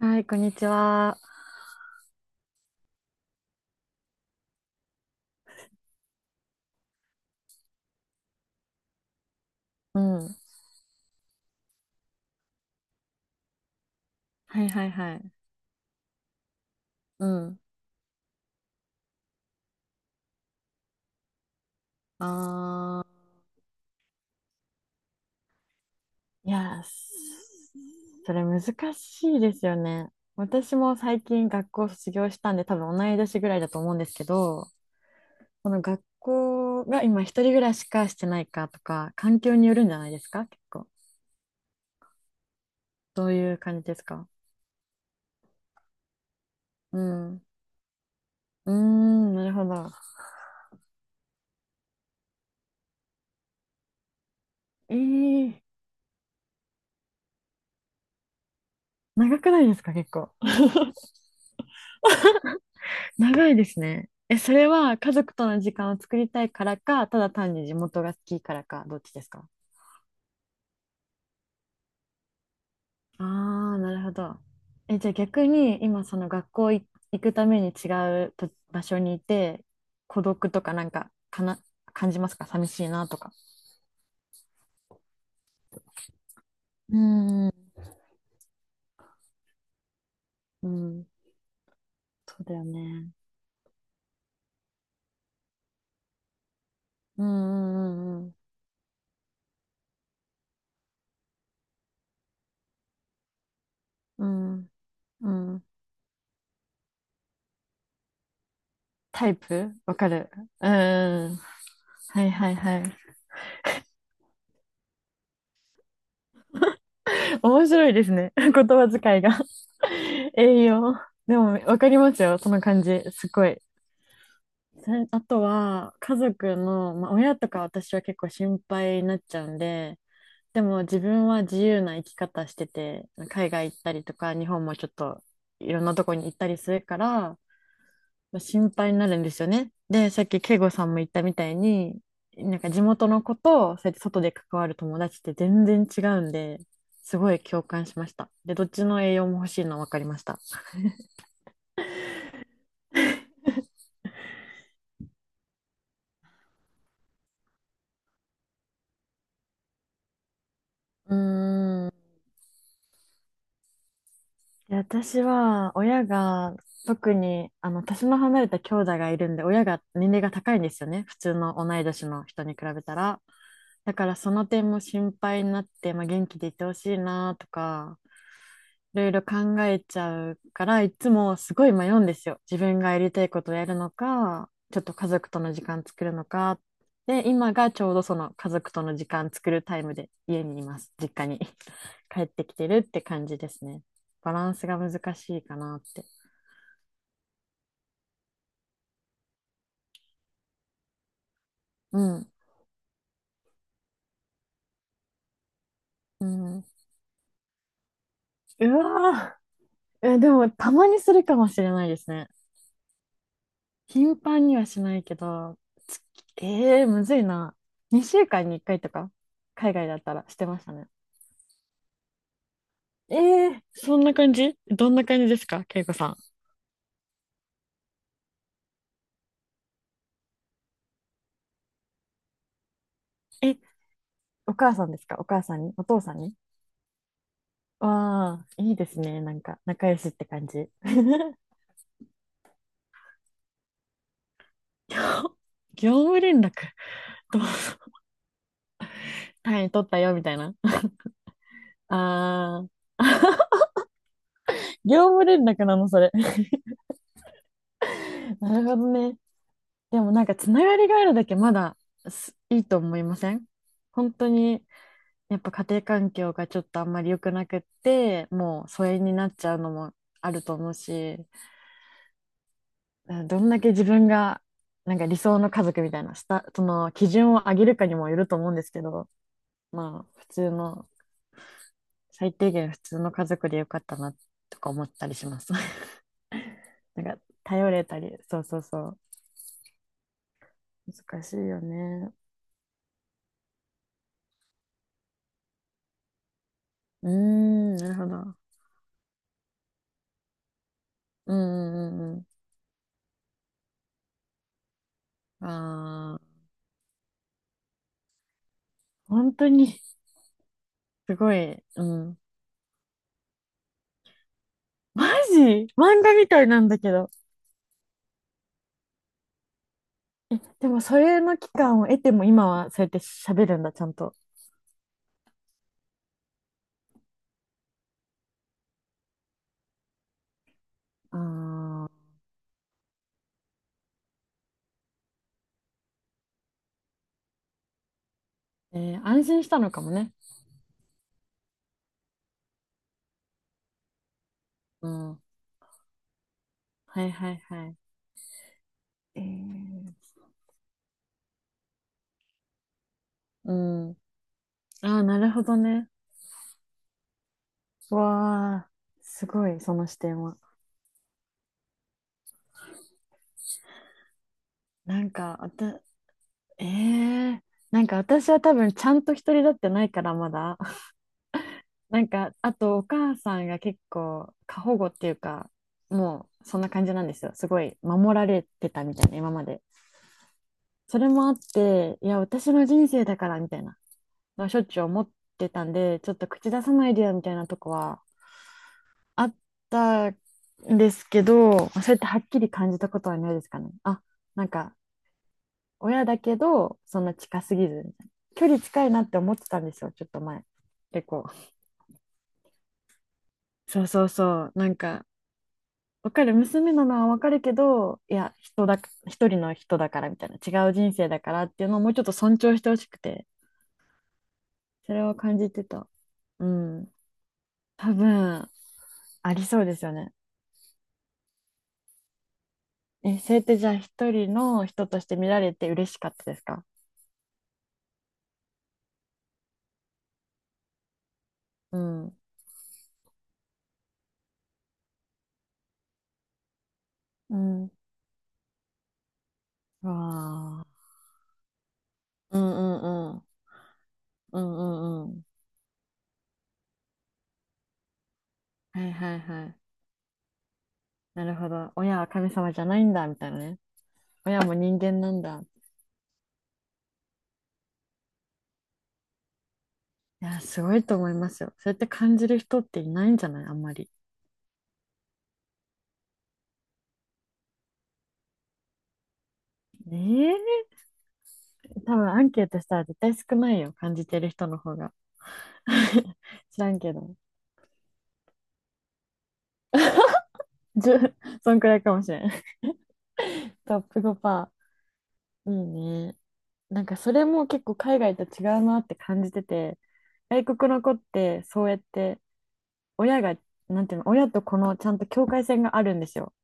はい、こんにちは。うん。はいはいはい。うん。あー。いやー、それ難しいですよね。私も最近学校を卒業したんで、多分同い年ぐらいだと思うんですけど、この学校が今一人暮らしかしてないかとか、環境によるんじゃないですか結構。どういう感じですか？うん。うーん、なるほど。えー、長くないですか結構。長いですね。え、それは家族との時間を作りたいからか、ただ単に地元が好きからか、どっちですか？ああー、なるほど。え、じゃあ逆に今その学校行くために違うと場所にいて、孤独とかなんか、かな、感じますか？寂しいなとか。うんうんうん、うん、そうだよね。うんうんうん。うんうん。タイプわかる。うんうんうんうんうんうん、タイプわかる、ううん、はいはいはい。面白いですね。言葉遣いが 栄養。でも、わかりますよ。その感じ。すごい。それあとは、家族の、まあ、親とか私は結構心配になっちゃうんで、でも自分は自由な生き方してて、海外行ったりとか、日本もちょっといろんなとこに行ったりするから、まあ心配になるんですよね。で、さっき慶吾さんも言ったみたいに、なんか地元の子と、そうやって外で関わる友達って全然違うんで、すごい共感しました。で、どっちの栄養も欲しいの分かりました。うーん。で私は、親が、特に、年の離れた兄弟がいるんで、親が年齢が高いんですよね。普通の同い年の人に比べたら。だから、その点も心配になって、まあ、元気でいてほしいなとか、いろいろ考えちゃうから、いつもすごい迷うんですよ。自分がやりたいことをやるのか、ちょっと家族との時間作るのか。で、今がちょうどその家族との時間作るタイムで家にいます。実家に 帰ってきてるって感じですね。バランスが難しいかなって。うん。うん、うわー、え、でもたまにするかもしれないですね。頻繁にはしないけど、つえー、むずいな。2週間に1回とか、海外だったらしてましたね。ええ、そんな感じ。どんな感じですか？恵子さん。え、お母さんですか？お母さんに、お父さんに。わあ、いいですね。なんか、仲良しって感じ。業務連絡。どうぞ。単位取ったよ、みたいな。ああ、業務連絡なの、それ。なるほどね。でもなんか、つながりがあるだけまだいいと思いません？本当に、やっぱ家庭環境がちょっとあんまり良くなくって、もう疎遠になっちゃうのもあると思うし、うん、どんだけ自分がなんか理想の家族みたいなその基準を上げるかにもよると思うんですけど、まあ普通の、最低限普通の家族でよかったなとか思ったりします。 なんか頼れたり、そうそうそう、難しいよね。うーん、なるほど。うんうんうんうん。ああ、本当に。すごい。うん。マジ。漫画みたいなんだけど。でもそれの期間を得ても今はそうやって喋るんだ、ちゃんと。あー、安心したのかもね。うん。はいはいはい。うん。ああ、なるほどね。わあ、すごい、その視点は。なんか、ええ、なんか私は多分ちゃんと一人だってないからまだ。なんか、あとお母さんが結構過保護っていうか、もうそんな感じなんですよ。すごい守られてたみたいな、今まで。それもあって、いや、私の人生だからみたいな、しょっちゅう思ってたんで、ちょっと口出さないでよみたいなとこはあったんですけど、それってはっきり感じたことはないですかね。あ、なんか、親だけど、そんな近すぎずみたいな、距離近いなって思ってたんですよ、ちょっと前。結構。そうそうそう、なんか、わかる、娘なのはわかるけど、いや、一人の人だからみたいな、違う人生だからっていうのをもうちょっと尊重してほしくて、それを感じてた。うん。多分、ありそうですよね。え、それってじゃあ一人の人として見られて嬉しかったですか？うん。うん、わあ。うんうんうん。うんうんうん。はいはいはい。なるほど。親は神様じゃないんだ、みたいなね。親も人間なんだ。いや、すごいと思いますよ。そうやって感じる人っていないんじゃない、あんまり。ええ、多分アンケートしたら絶対少ないよ。感じてる人の方が。知らんけど。1、そんくらいかもしれん。トップ5%。いいね。なんかそれも結構海外と違うなって感じてて、外国の子ってそうやって親が、なんていうの、親とこのちゃんと境界線があるんですよ。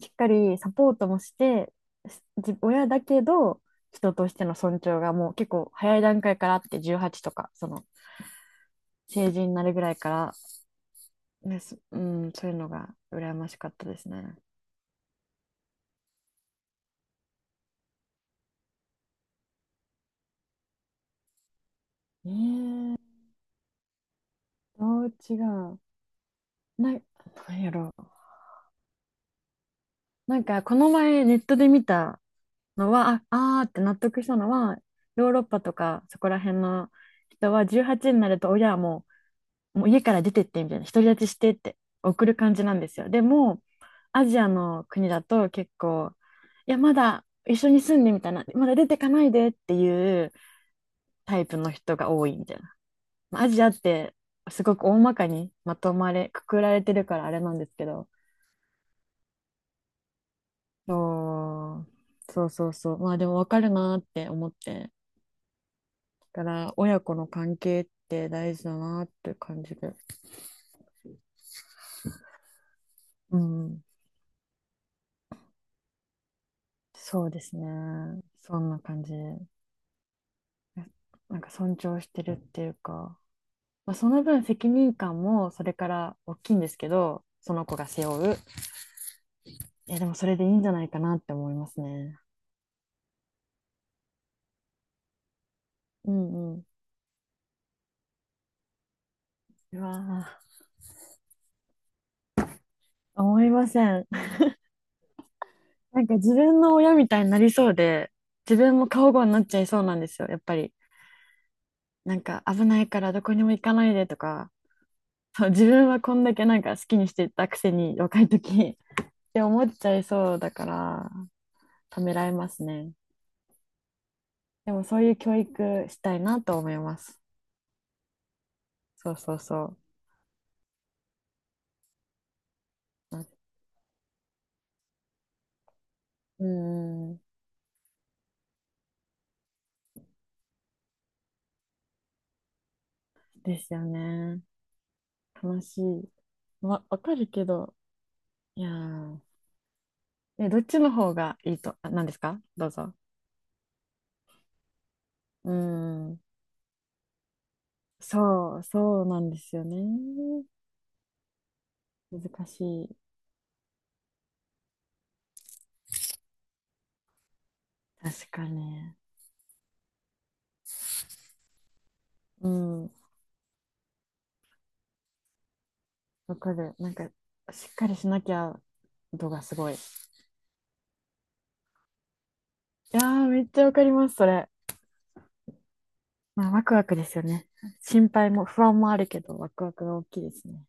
しっかりサポートもして、親だけど、人としての尊重がもう結構早い段階からあって、18とか、その成人になるぐらいから、ね、そういうのが羨ましかったですね。えー、どう違う。な、なんやろ、なんか、この前ネットで見たのは、あーって納得したのは、ヨーロッパとかそこら辺の人は18になると親はもう家から出てってみたいな、独り立ちしてって送る感じなんですよ。でも、アジアの国だと結構、いや、まだ一緒に住んでみたいな、まだ出てかないでっていうタイプの人が多いみたいな。まあアジアってすごく大まかにまとまれ、くくられてるからあれなんですけど、そうそうそうそう、まあでも分かるなーって思って、だから親子の関係って大事だなーって感じで、うん、そうですね、そんな感じ。なんか尊重してるっていうか、まあ、その分責任感もそれから大きいんですけど、その子が背負う。いや、でもそれでいいんじゃないかなって思いますね。うんうん。うわぁ、思いません。なんか自分の親みたいになりそうで、自分も過保護になっちゃいそうなんですよ、やっぱり。なんか危ないからどこにも行かないでとか、そう、自分はこんだけなんか好きにしてたくせに若い時って思っちゃいそうだから、ためらいますね。でもそういう教育したいなと思います。そうそうそう。あ、うん、ですよね。楽しい。わかるけど、いやー、え、どっちの方がいいと、あ、何ですか？どうぞ。うん、そうなんですよね。難しい。確かに。うん、わかる。なんか、しっかりしなきゃ度がすごい。いやー、めっちゃわかります、それ。まあ、ワクワクですよね。心配も不安もあるけど、ワクワクが大きいですね。